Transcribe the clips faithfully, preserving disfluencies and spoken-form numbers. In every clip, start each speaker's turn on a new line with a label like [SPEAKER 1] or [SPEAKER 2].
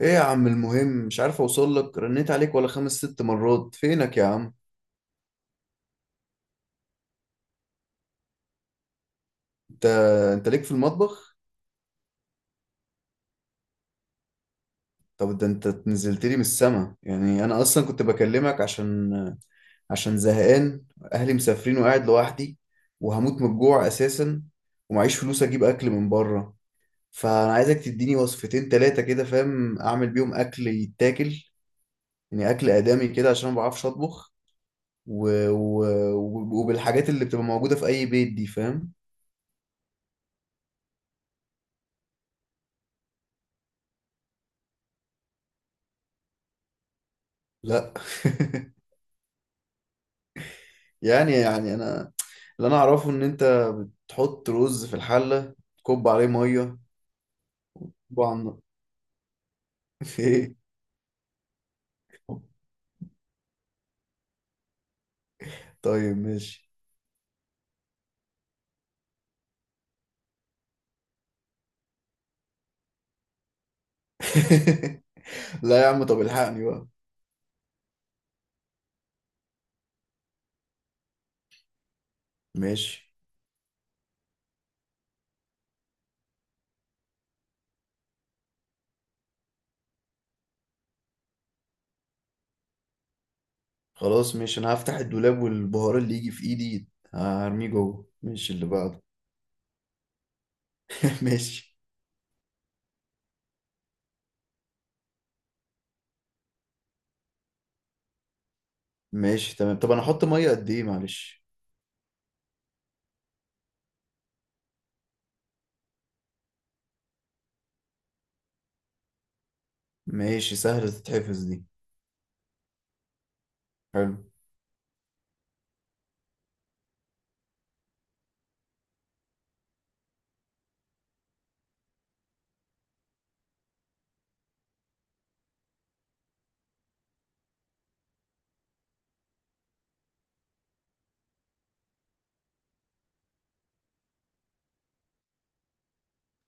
[SPEAKER 1] ايه يا عم، المهم مش عارف اوصل لك، رنيت عليك ولا خمس ست مرات، فينك يا عم؟ انت انت ليك في المطبخ؟ طب ده انت نزلت لي من السما، يعني انا اصلا كنت بكلمك عشان عشان زهقان، اهلي مسافرين وقاعد لوحدي، وهموت من الجوع اساسا، ومعيش فلوس اجيب اكل من بره، فانا عايزك تديني وصفتين تلاتة كده فاهم، اعمل بيهم اكل يتاكل، يعني اكل ادمي كده عشان ما بعرفش اطبخ. و... و... وبالحاجات اللي بتبقى موجودة في اي بيت دي، فاهم؟ لا. يعني يعني انا اللي انا اعرفه ان انت تحط رز في الحله، كب عليه ميه، كب على النار. ايه. طيب ماشي. لا يا عم، طب الحقني بقى. ماشي. خلاص ماشي، انا هفتح الدولاب والبهار اللي يجي في ايدي هرميه جوه. ماشي، اللي بعده. ماشي. ماشي تمام. طب انا احط ميه قد ايه معلش؟ ماشي، سهله تتحفظ دي. حلو.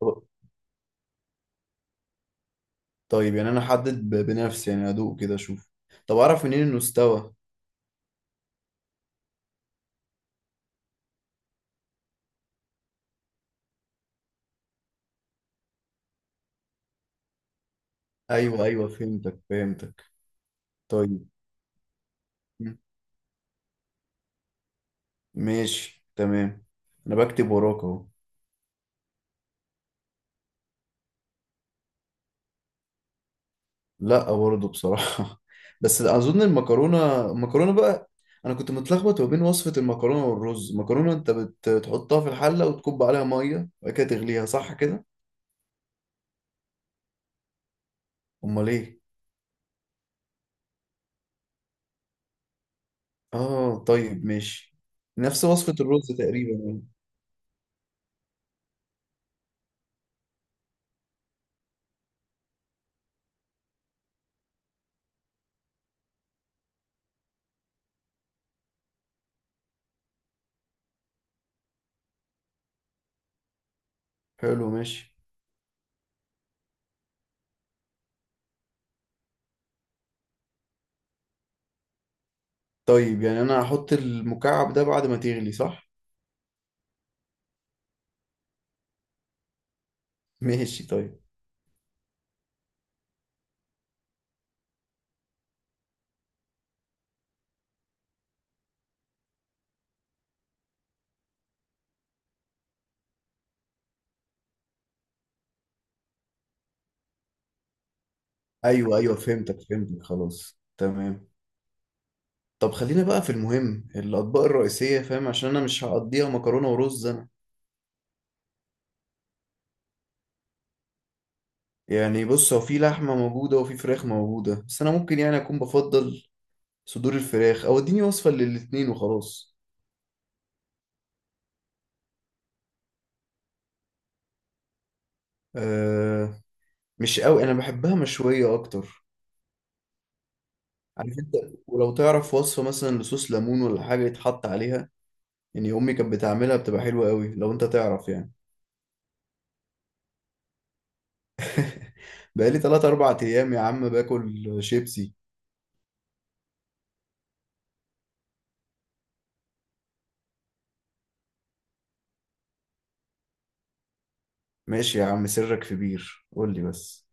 [SPEAKER 1] طب- طيب، يعني انا احدد ب- بنفسي، يعني ادوق كده اشوف؟ طب اعرف منين انه استوى؟ ايوه ايوه، فهمتك فهمتك. طيب. ماشي تمام. انا بكتب وراك اهو. لا برضه بصراحه. بس اظن المكرونه المكرونه بقى، انا كنت متلخبط ما بين وصفه المكرونه والرز. المكرونه انت بت- بتحطها في الحله وتكب عليها ميه وبعد كده تغليها، صح كده؟ امال ايه. اه طيب ماشي. نفس وصفه الرز تقريبا يعني. حلو ماشي. طيب يعني انا هحط المكعب ده بعد ما تغلي، صح؟ ماشي طيب. ايوه ايوه، فهمتك فهمتك، خلاص تمام. طب خلينا بقى في المهم، الأطباق الرئيسية فاهم، عشان أنا مش هقضيها مكرونة ورز أنا. يعني بص، هو في لحمة موجودة وفي فراخ موجودة، بس أنا ممكن يعني أكون بفضل صدور الفراخ، أو إديني وصفة للاتنين وخلاص. أه. مش قوي، أنا بحبها مشوية أكتر. عارف أنت، ولو تعرف وصفة مثلا لصوص ليمون ولا حاجة يتحط عليها، يعني أمي كانت بتعملها بتبقى حلوة قوي، لو أنت تعرف يعني. بقالي تلات أربع أيام يا عم باكل شيبسي. ماشي يا عم، سرك في بير، قول لي بس.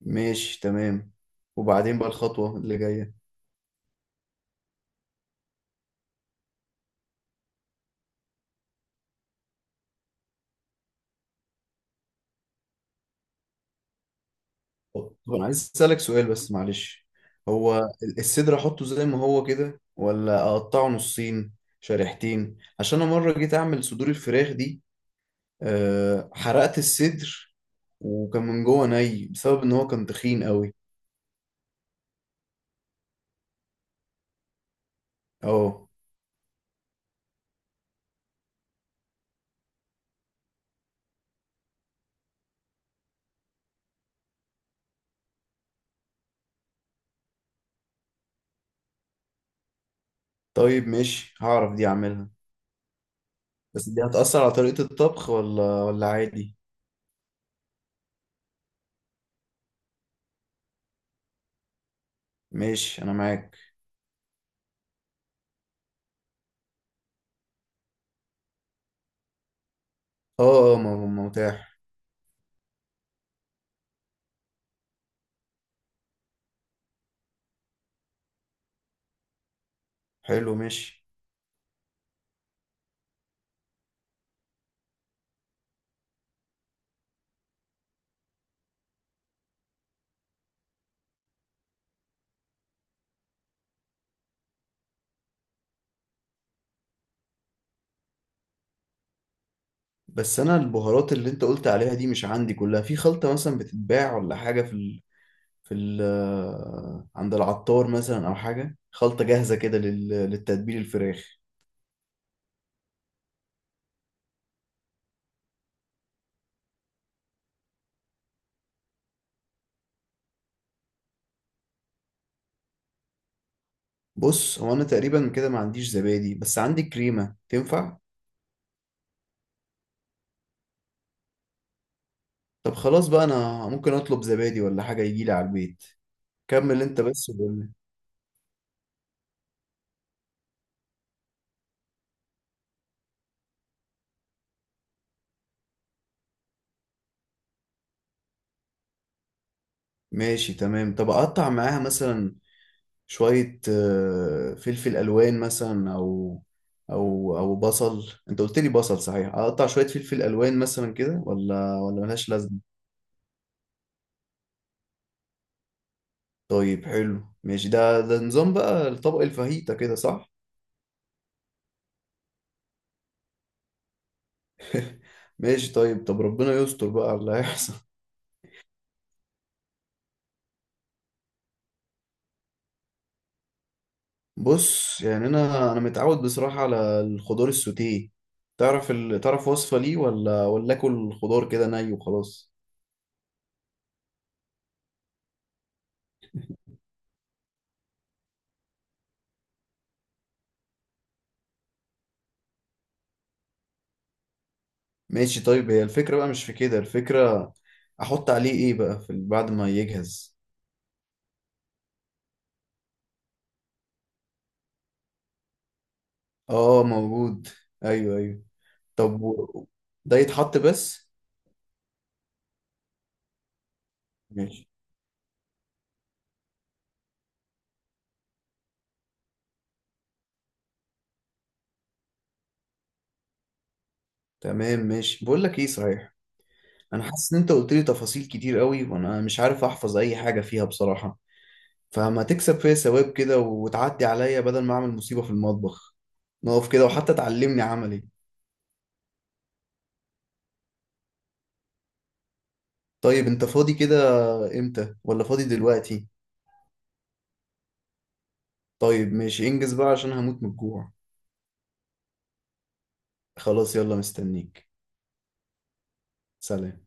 [SPEAKER 1] ماشي تمام، وبعدين بقى الخطوة اللي جاية؟ طب أنا عايز أسألك سؤال بس معلش. هو ال- الصدر أحطه زي ما هو كده، ولا أقطعه نصين، شريحتين؟ عشان أنا مرة جيت أعمل صدور الفراخ دي، أه حرقت الصدر، وكان من جوه ني بسبب إن هو كان تخين قوي. أه. طيب ماشي، هعرف دي أعملها. بس دي هتأثر على طريقة الطبخ ولا ولا عادي؟ ماشي أنا معاك. أه أه، م- م- متاح. حلو ماشي. بس انا البهارات اللي انت قلت عليها دي مش عندي كلها، في خلطة مثلا بتتباع ولا حاجة في ال... في ال... عند العطار مثلا، او حاجة خلطة جاهزة كده لل... للتتبيل الفراخ؟ بص، هو انا تقريبا كده ما عنديش زبادي، بس عندي كريمة، تنفع؟ طب خلاص بقى، انا ممكن اطلب زبادي ولا حاجة يجيلي على البيت، كمل انت بس وقول لي. ماشي تمام. طب اقطع معاها مثلا شوية آه، فلفل ألوان مثلا، أو أو أو بصل؟ أنت قلت لي بصل، صحيح أقطع شوية فلفل ألوان مثلا كده ولا ولا ملهاش لازمة؟ طيب حلو ماشي، ده ده نظام بقى الطبق الفاهيتا كده، صح؟ ماشي طيب. طب ربنا يستر بقى على اللي هيحصل. بص يعني، أنا أنا متعود بصراحة على الخضار السوتيه. تعرف ال... تعرف وصفة ليه، ولا ولا آكل الخضار كده ني وخلاص؟ ماشي طيب. هي الفكرة بقى مش في كده الفكرة. أحط عليه إيه بقى في بعد ما يجهز؟ اه موجود. ايوه ايوه. طب و- ده يتحط بس؟ ماشي تمام. ماشي، بقول لك ايه صحيح، انا حاسس ان انت قلت لي تفاصيل كتير قوي وانا مش عارف احفظ اي حاجه فيها بصراحه، فما تكسب فيا ثواب كده وتعدي عليا بدل ما اعمل مصيبه في المطبخ، نقف كده وحتى تعلمني عملي. طيب انت فاضي كده امتى، ولا فاضي دلوقتي؟ طيب ماشي، انجز بقى عشان هموت من الجوع. خلاص يلا، مستنيك. سلام.